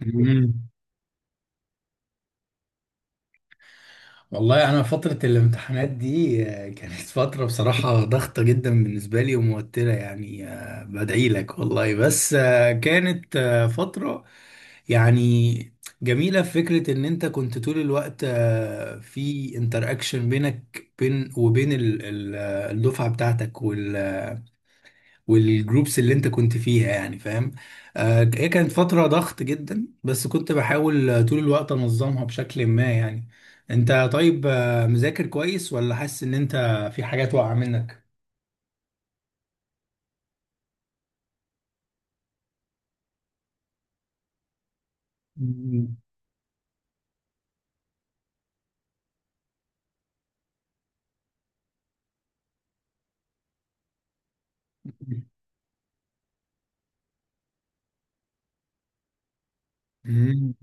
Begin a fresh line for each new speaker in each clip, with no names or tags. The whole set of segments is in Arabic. مم. والله انا فتره الامتحانات دي كانت فتره بصراحه ضغطه جدا بالنسبه لي وموتره، يعني بدعي لك والله، بس كانت فتره يعني جميله في فكره ان انت كنت طول الوقت في انتراكشن بينك وبين الدفعه بتاعتك والجروبس اللي انت كنت فيها، يعني فاهم. هي كانت فترة ضغط جدا، بس كنت بحاول طول الوقت انظمها بشكل ما، يعني انت طيب مذاكر كويس ولا حاسس ان انت في حاجات واقعة منك؟ مم.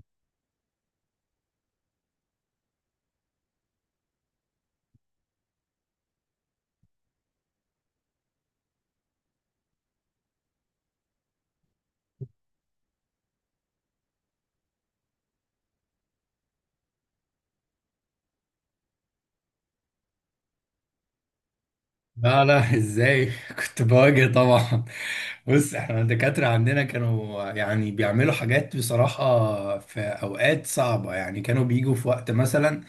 لا لا، ازاي؟ كنت بواجه طبعا. بص، احنا الدكاترة عندنا كانوا يعني بيعملوا حاجات بصراحة في اوقات صعبة، يعني كانوا بيجوا في وقت مثلا،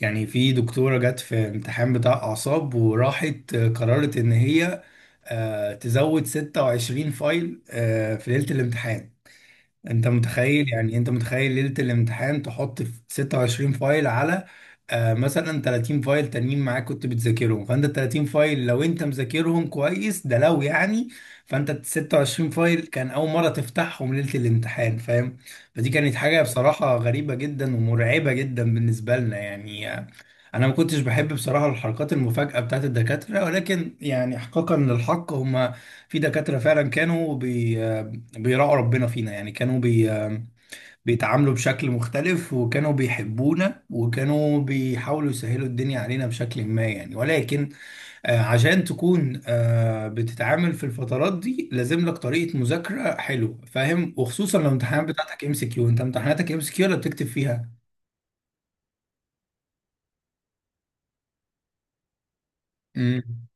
يعني في دكتورة جت في امتحان بتاع اعصاب وراحت قررت ان هي تزود 26 فايل في ليلة الامتحان. انت متخيل؟ يعني انت متخيل ليلة الامتحان تحط في 26 فايل على مثلا 30 فايل تانيين معاك كنت بتذاكرهم؟ فانت ال 30 فايل لو انت مذاكرهم كويس ده لو يعني. فانت ال 26 فايل كان اول مرة تفتحهم ليلة الامتحان، فاهم. فدي كانت حاجة بصراحة غريبة جدا ومرعبة جدا بالنسبة لنا، يعني انا ما كنتش بحب بصراحة الحركات المفاجئة بتاعت الدكاترة، ولكن يعني احقاقا للحق هما في دكاترة فعلا كانوا بيراعوا ربنا فينا، يعني كانوا بيتعاملوا بشكل مختلف وكانوا بيحبونا وكانوا بيحاولوا يسهلوا الدنيا علينا بشكل ما، يعني. ولكن عشان تكون بتتعامل في الفترات دي لازم لك طريقة مذاكرة حلوة، فاهم. وخصوصا لو الامتحانات بتاعتك ام سي كيو، انت امتحاناتك ام سي كيو ولا بتكتب فيها؟ امم.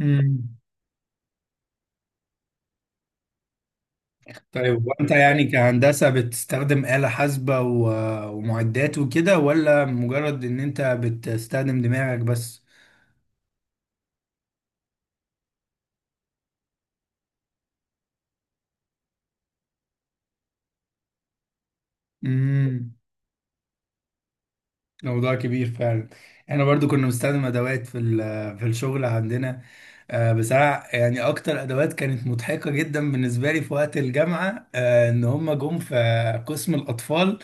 امم. طيب، وانت يعني كهندسة بتستخدم آلة حاسبة ومعدات وكده ولا مجرد ان انت بتستخدم دماغك بس؟ امم. موضوع كبير فعلا. احنا برضو كنا بنستخدم ادوات في الشغل عندنا. بصراحه يعني اكتر ادوات كانت مضحكه جدا بالنسبه لي في وقت الجامعه، ان هم جم في قسم الاطفال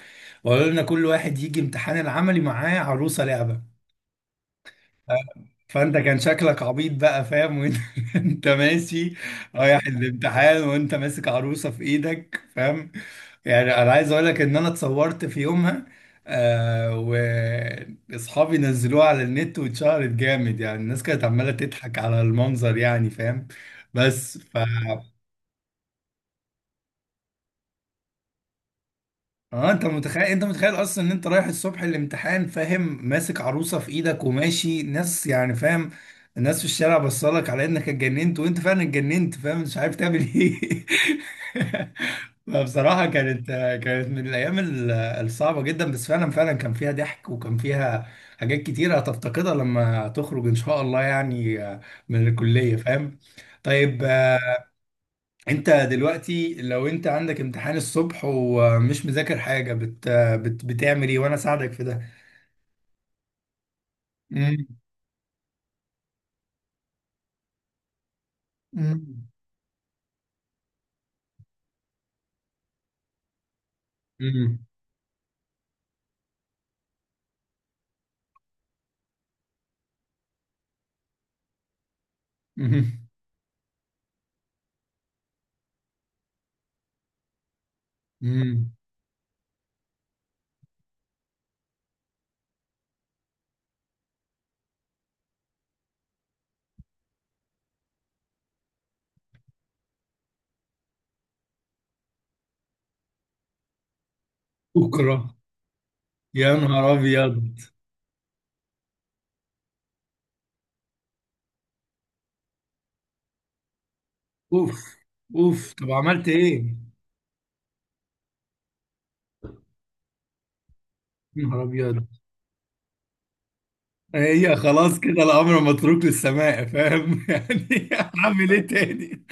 وقالوا لنا كل واحد يجي امتحان العملي معاه عروسه لعبه. فانت كان شكلك عبيط بقى، فاهم. وانت انت ماشي رايح الامتحان وانت ماسك عروسه في ايدك، فاهم. يعني انا عايز اقول لك ان انا اتصورت في يومها، آه واصحابي نزلوه على النت واتشهرت جامد، يعني الناس كانت عماله تضحك على المنظر، يعني فاهم. بس ف اه انت متخيل، انت متخيل اصلا ان انت رايح الصبح الامتحان، فاهم. ماسك عروسه في ايدك وماشي ناس، يعني فاهم. الناس في الشارع بصلك على انك اتجننت، وانت فعلا اتجننت، فاهم مش عارف تعمل ايه. فبصراحه كانت من الايام الصعبه جدا، بس فعلا فعلا كان فيها ضحك وكان فيها حاجات كتيره هتفتقدها لما تخرج ان شاء الله، يعني من الكليه فاهم. طيب انت دلوقتي لو انت عندك امتحان الصبح ومش مذاكر حاجة بتعمل ايه وانا اساعدك في ده؟ مم. مم. مم. مم. مم. بكرة؟ يا نهار ابيض. اوف، اوف. طب عملت ايه؟ يا نهار ابيض. هي خلاص كده الامر متروك للسماء، فاهم. يعني اعمل ايه تاني؟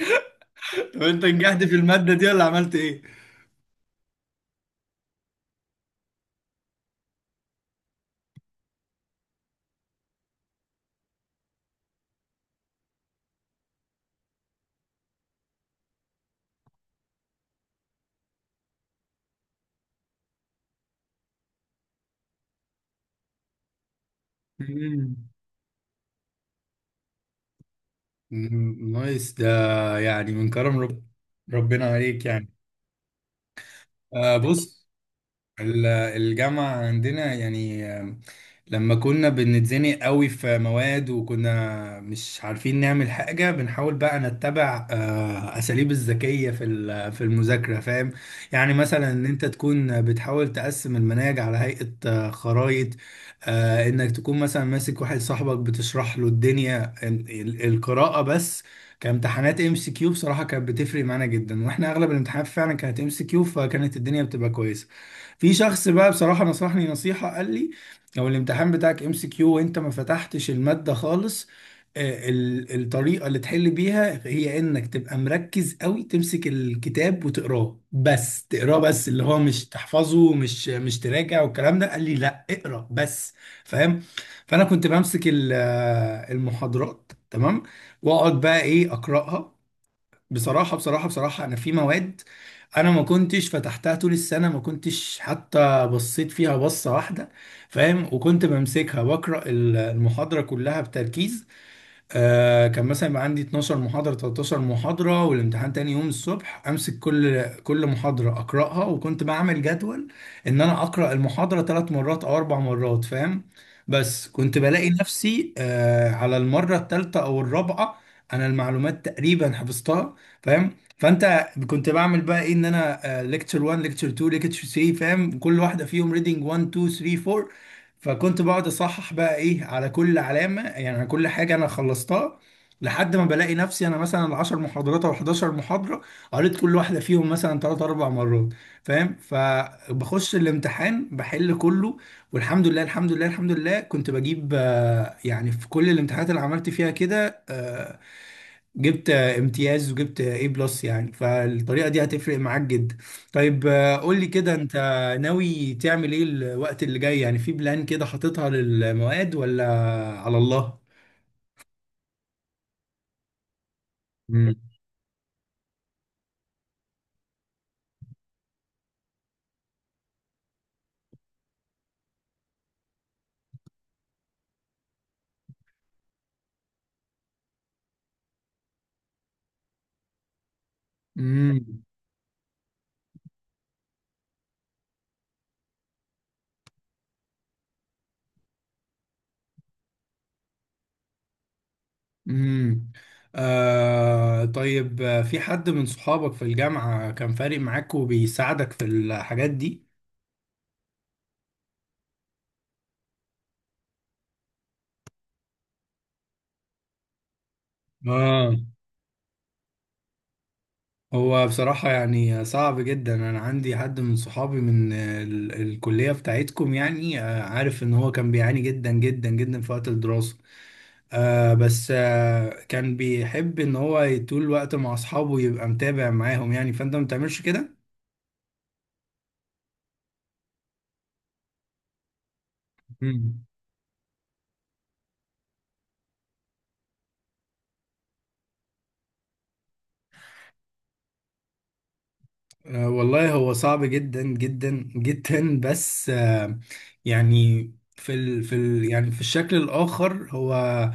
طب انت نجحت في المادة دي ولا عملت ايه؟ مم. مم. نايس ده. يعني من كرم ربنا عليك، يعني. بص، الجامعة عندنا، يعني لما كنا بنتزنق قوي في مواد وكنا مش عارفين نعمل حاجة، بنحاول بقى نتبع أساليب الذكية في المذاكرة، فاهم. يعني مثلا إن أنت تكون بتحاول تقسم المناهج على هيئة خرائط. إنك تكون مثلا ماسك واحد صاحبك بتشرح له الدنيا، القراءة بس. كامتحانات ام سي كيو بصراحة كانت بتفرق معانا جدا، واحنا اغلب الامتحانات فعلا كانت ام سي كيو، فكانت الدنيا بتبقى كويسة. في شخص بقى بصراحة نصحني نصيحة، قال لي لو الامتحان بتاعك ام سي كيو وانت ما فتحتش المادة خالص، الطريقة اللي تحل بيها هي انك تبقى مركز قوي، تمسك الكتاب وتقراه بس، تقراه بس اللي هو مش تحفظه ومش مش تراجع، والكلام ده قال لي لا اقرا بس، فاهم. فانا كنت بمسك المحاضرات، تمام. واقعد بقى ايه اقراها. بصراحة بصراحة بصراحة أنا في مواد أنا ما كنتش فتحتها طول السنة، ما كنتش حتى بصيت فيها بصة واحدة، فاهم. وكنت بمسكها بقرأ المحاضرة كلها بتركيز. كان مثلا يبقى عندي 12 محاضرة 13 محاضرة والامتحان تاني يوم الصبح، امسك كل محاضرة اقراها. وكنت بعمل جدول ان انا اقرا المحاضرة ثلاث مرات او اربع مرات، فاهم. بس كنت بلاقي نفسي على المرة الثالثة او الرابعة انا المعلومات تقريبا حفظتها، فاهم. فانت كنت بعمل بقى ايه؟ ان انا ليكتشر 1 ليكتشر 2 ليكتشر 3، فاهم. كل واحدة فيهم ريدنج 1 2 3 4. فكنت بقعد اصحح بقى ايه على كل علامه، يعني على كل حاجه انا خلصتها، لحد ما بلاقي نفسي انا مثلا 10 محاضرات او 11 محاضره قريت كل واحده فيهم مثلا 3 4 مرات، فاهم. فبخش الامتحان بحل كله، والحمد لله الحمد لله الحمد لله كنت بجيب يعني في كل الامتحانات اللي عملت فيها كده جبت امتياز وجبت اي بلس، يعني فالطريقه دي هتفرق معاك جدا. طيب قول لي كده، انت ناوي تعمل ايه الوقت اللي جاي؟ يعني في بلان كده حاططها للمواد ولا على الله؟ امم. امم. امم. طيب في حد من صحابك في الجامعه كان فارق معاك وبيساعدك في الحاجات دي؟ اه. هو بصراحة يعني صعب جدا، أنا عندي حد من صحابي من الكلية بتاعتكم، يعني عارف إن هو كان بيعاني جدا جدا جدا في وقت الدراسة، بس كان بيحب إن هو طول الوقت مع أصحابه يبقى متابع معاهم، يعني فأنت ما بتعملش كده؟ والله هو صعب جدا جدا جدا، بس يعني في ال في ال يعني في الشكل الآخر هو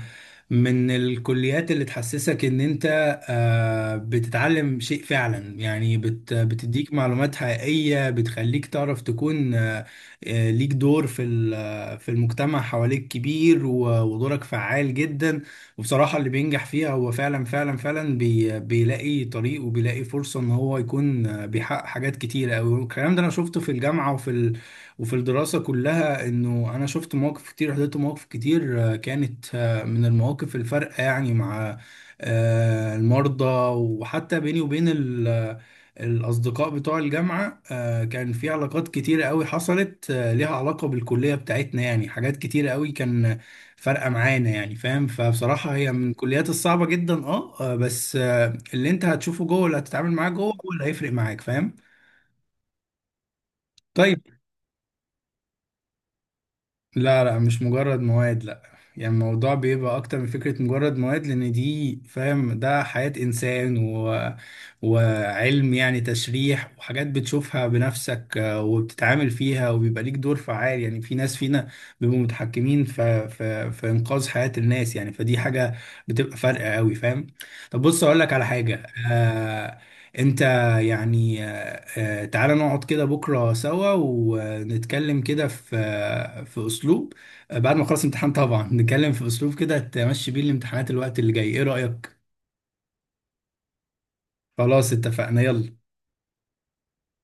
من الكليات اللي تحسسك ان انت بتتعلم شيء فعلا، يعني بتديك معلومات حقيقية بتخليك تعرف تكون ليك دور في المجتمع حواليك كبير، ودورك فعال جدا. وبصراحة اللي بينجح فيها هو فعلا فعلا فعلا بيلاقي طريق وبيلاقي فرصة ان هو يكون بيحقق حاجات كتيرة أوي. والكلام ده انا شفته في الجامعة وفي الدراسة كلها، انه انا شفت مواقف كتير، حضرت مواقف كتير كانت من المواقف الفارقة، يعني مع المرضى. وحتى بيني وبين الأصدقاء بتوع الجامعة، كان في علاقات كتيرة قوي حصلت ليها علاقة بالكلية بتاعتنا، يعني حاجات كتيرة قوي كان فارقه معانا، يعني فاهم. فبصراحه هي من الكليات الصعبه جدا. اه. بس اللي انت هتشوفه جوه، اللي هتتعامل معاه جوه هو اللي هيفرق معاك، فاهم. طيب، لا لا مش مجرد مواد لا. يعني الموضوع بيبقى اكتر من فكرة مجرد مواد، لان دي فاهم ده حياة انسان وعلم، يعني تشريح وحاجات بتشوفها بنفسك. وبتتعامل فيها وبيبقى ليك دور فعال، يعني في ناس فينا بيبقوا متحكمين في انقاذ حياة الناس، يعني فدي حاجة بتبقى فارقة قوي، فاهم. طب بص اقول لك على حاجة انت يعني تعالى نقعد كده بكرة سوا ونتكلم كده في في أسلوب، بعد ما أخلص امتحان طبعا، نتكلم في أسلوب كده تمشي بيه الامتحانات الوقت اللي جاي، إيه رأيك؟ خلاص اتفقنا، يلا.